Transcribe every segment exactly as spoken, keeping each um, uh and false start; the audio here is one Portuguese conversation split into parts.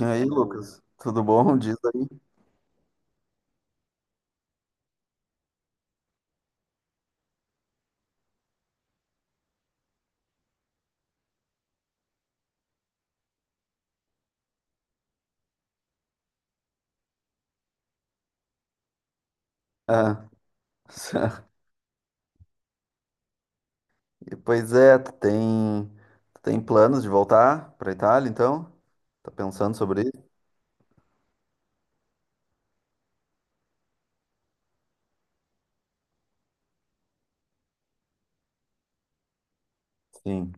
E aí, Lucas, tudo bom? Diz aí. Ah, e pois é, tu tem, tu tem planos de voltar para Itália, então? Tá pensando sobre isso? Sim,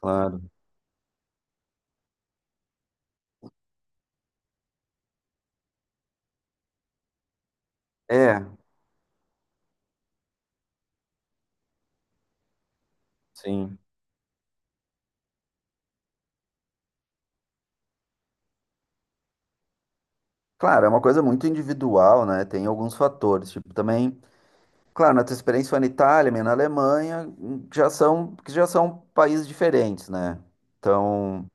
claro. É, sim. Claro, é uma coisa muito individual, né? Tem alguns fatores, tipo, também, claro, na tua experiência foi na Itália, minha na Alemanha, hum, já são, que já são países diferentes, né? Então,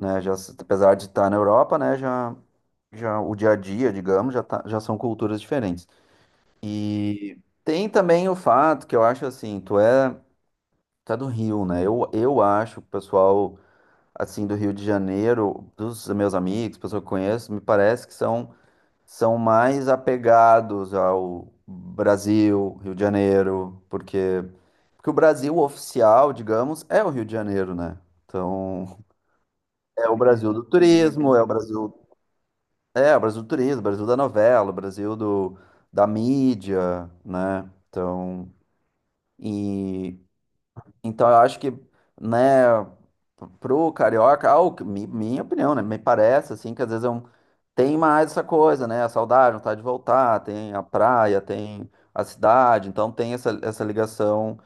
né, já, s- apesar de estar na Europa, né, já, já o dia a dia, digamos, já, tá, já são culturas diferentes. E tem também o fato que eu acho assim, tu é, tu é do Rio, né? Eu, eu acho que o pessoal assim do Rio de Janeiro, dos meus amigos, pessoas que eu conheço, me parece que são, são mais apegados ao Brasil, Rio de Janeiro, porque, porque o Brasil oficial, digamos, é o Rio de Janeiro, né? Então, é o Brasil do turismo, é o Brasil, é o Brasil do turismo, Brasil da novela, o Brasil do, da mídia, né? Então, e então eu acho que, né, pro carioca, ao, que- mi- minha opinião, né, me parece assim que às vezes é um, tem mais essa coisa, né, a saudade, vontade de voltar, tem a praia, tem a cidade, então tem essa, essa ligação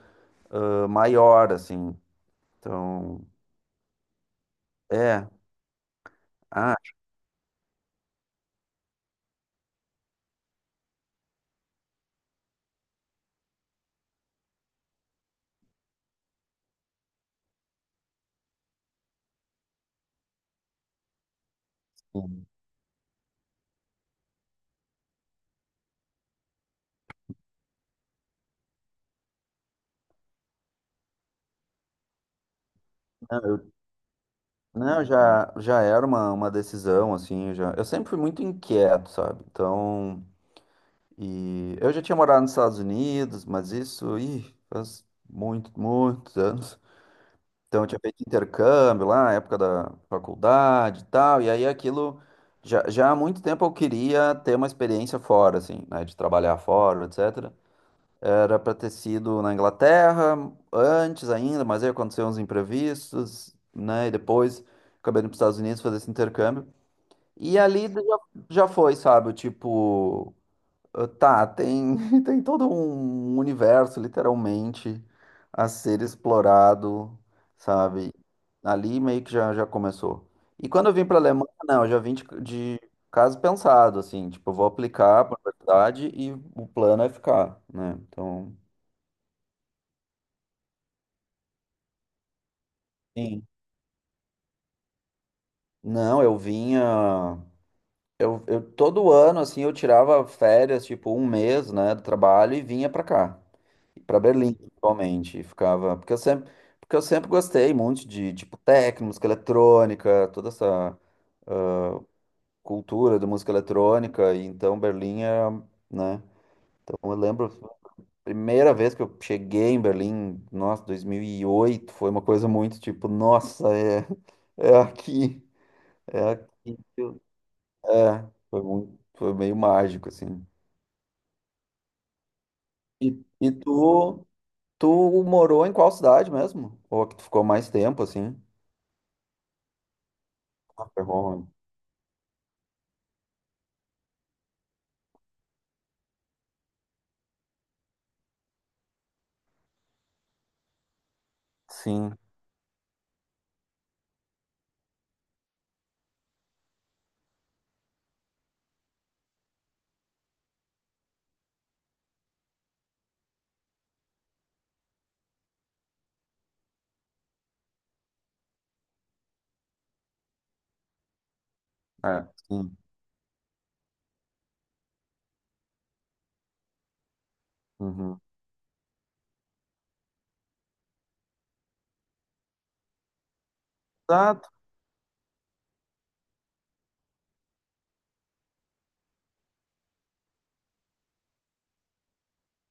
ah, maior, assim. Então, é, ah, não, já, já era uma, uma decisão, assim, eu já, eu sempre fui muito inquieto, sabe? Então e eu já tinha morado nos Estados Unidos, mas isso, ih, faz muito, muitos anos. Então eu tinha feito intercâmbio lá, na época da faculdade e tal, e aí aquilo já, já há muito tempo eu queria ter uma experiência fora, assim, né, de trabalhar fora, etcétera. Era para ter sido na Inglaterra antes ainda, mas aí aconteceu uns imprevistos, né, e depois acabei indo para os Estados Unidos fazer esse intercâmbio. E ali já, já foi, sabe, o tipo ah, Tá, tem, tem todo um universo, literalmente, a ser explorado, sabe? Ali meio que já, já começou. E quando eu vim para a Alemanha, não, eu já vim de, de caso pensado, assim, tipo, eu vou aplicar para a universidade e o plano é ficar, né? Então, sim. Não, eu vinha. Eu, eu, todo ano, assim, eu tirava férias, tipo, um mês, né, do trabalho e vinha para cá. Para Berlim, principalmente, e ficava, porque eu sempre, porque eu sempre gostei muito de tipo techno, música eletrônica, toda essa cultura da música eletrônica, e então Berlim é, né? Então eu lembro a primeira vez que eu cheguei em Berlim, nossa, dois mil e oito, foi uma coisa muito tipo, nossa, é é aqui, é aqui. que eu- É, foi muito, foi meio mágico assim. E, e tu, tu morou em qual cidade mesmo? Ou a que tu ficou mais tempo assim? Ah, foi Roma. Sim, é, sim. Uhum. Exato.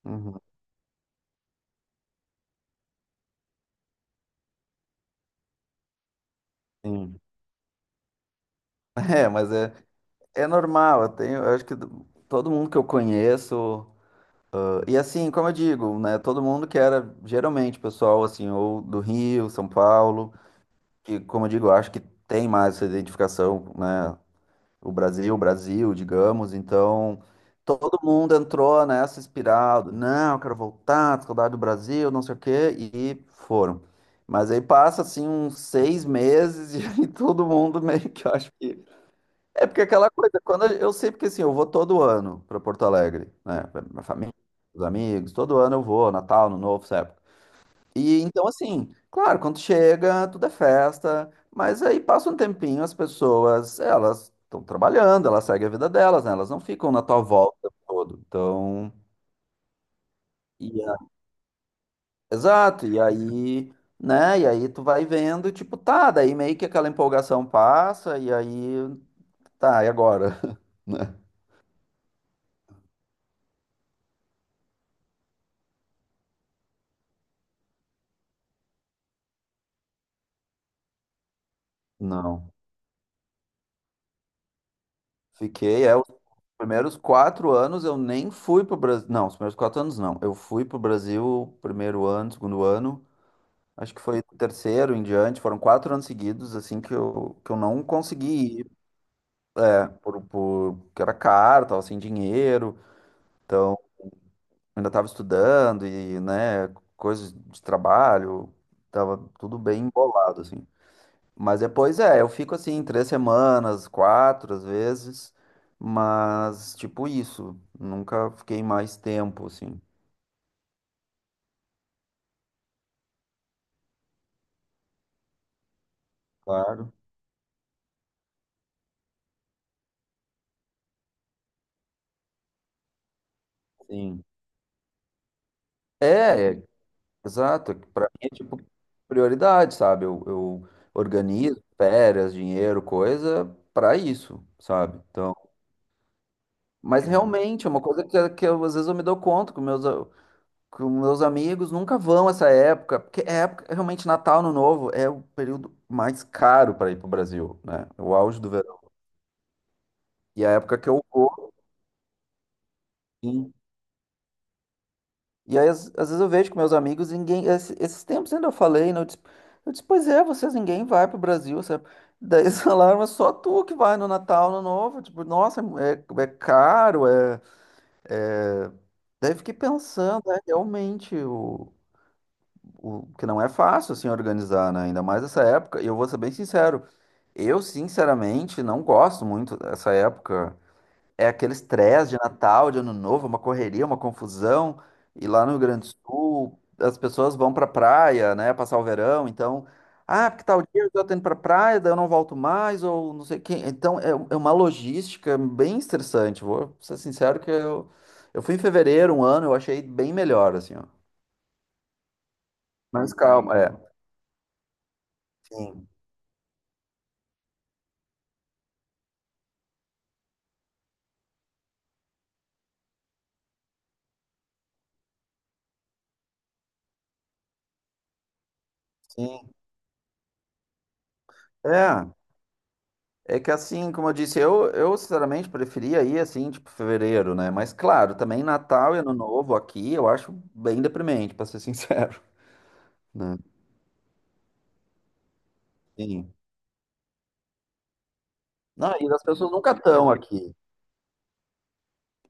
Uhum, sim. É, mas é, é normal. Eu tenho, eu acho que do- todo mundo que eu conheço. ah, E assim, como eu digo, né? Todo mundo que era geralmente pessoal, assim, ou do Rio, São Paulo, que, como eu digo, eu acho que tem mais essa identificação, né? o Brasil, o Brasil, digamos. Então, todo mundo entrou nessa espiral. do, Não, eu quero voltar, saudade do Brasil, não sei o quê, e foram. Mas aí passa assim uns seis meses e aí todo mundo meio que eu acho que. É porque aquela coisa, quando a- eu sei porque assim, eu vou todo ano para Porto Alegre, né? Pra minha família, os amigos, todo ano eu vou, Natal, no Novo, sabe? E então, assim, claro, quando chega, tudo é festa, mas aí passa um tempinho, as pessoas, elas estão trabalhando, elas seguem a vida delas, né? Elas não ficam na tua volta o tempo todo. Então, e a- exato, e aí, né? E aí tu vai vendo, tipo, tá, daí meio que aquela empolgação passa, e aí, tá, e agora? né? Não. Fiquei, é, os primeiros quatro anos eu nem fui pro Brasil. Não, os primeiros quatro anos não. Eu fui pro Brasil primeiro ano, segundo ano. Acho que foi o terceiro em diante, foram quatro anos seguidos, assim, que eu, que eu não consegui ir, é, por, por, porque era caro, tava sem dinheiro, então ainda tava estudando e, né, coisas de trabalho, tava tudo bem embolado, assim. Mas depois, é, eu fico, assim, três semanas, quatro, às vezes, mas, tipo, isso, nunca fiquei mais tempo, assim. Claro. Sim. É, exato, é que pra mim é tipo prioridade, sabe? Eu, eu organizo férias, dinheiro, coisa pra isso, sabe? Então, mas realmente é uma coisa que, que eu, às vezes eu me dou conta que meus a- que os meus amigos nunca vão essa época, porque é época realmente Natal, Ano Novo é o período mais caro para ir pro Brasil, né? É o auge do verão. E é a época que eu vou, e aí, às, às vezes eu vejo com meus amigos, ninguém. esse- Esses tempos ainda eu falei, né? Eu disse, eu disse, pois é, vocês ninguém vai pro Brasil, sabe? Daí eles falaram, mas só tu que vai no Natal, no Novo. Tipo, nossa, é, é caro, é, é... Daí eu fiquei pensando, né? Realmente, o, o que não é fácil, assim, organizar, né? Ainda mais essa época. E eu vou ser bem sincero, eu, sinceramente, não gosto muito dessa época. É aquele estresse de Natal, de Ano Novo, é uma correria, uma confusão. E lá no Rio Grande do Sul, as pessoas vão pra praia, né, passar o verão. Então, ah, porque tal dia eu tô indo pra praia, daí eu não volto mais, ou não sei quem. Então, é, é uma logística bem estressante. Vou ser sincero que eu, eu fui em fevereiro um ano, eu achei bem melhor, assim, ó. Mas calma, é. Sim, sim. É. É que assim, como eu disse, eu, eu sinceramente preferia ir assim, tipo, fevereiro, né? Mas claro, também Natal e Ano Novo aqui eu acho bem deprimente, pra ser sincero, né? Sim. Não, e as pessoas nunca estão aqui.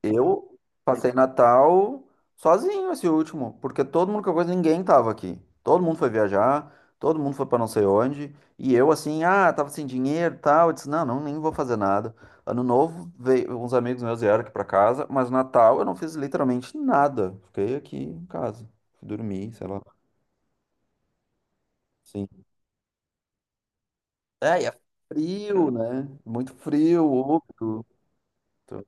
Eu passei Natal sozinho esse último, porque todo mundo que eu conheço, ninguém tava aqui. Todo mundo foi viajar, todo mundo foi pra não sei onde, e eu assim, ah, tava sem dinheiro, e tal, eu disse, não, não, nem vou fazer nada. Ano novo, veio uns amigos meus vieram aqui pra casa, mas Natal eu não fiz literalmente nada. Fiquei aqui em casa, fui dormir, sei lá. Sim. É, e é frio, né? Muito frio, úmido. Então,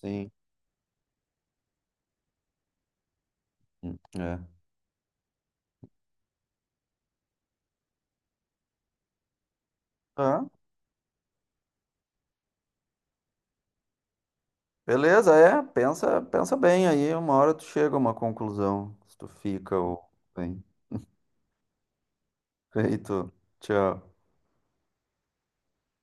sim. Hum, é. Ah, beleza, é, pensa, pensa bem aí, uma hora tu chega a uma conclusão, se tu fica ou bem. Feito. Tchau.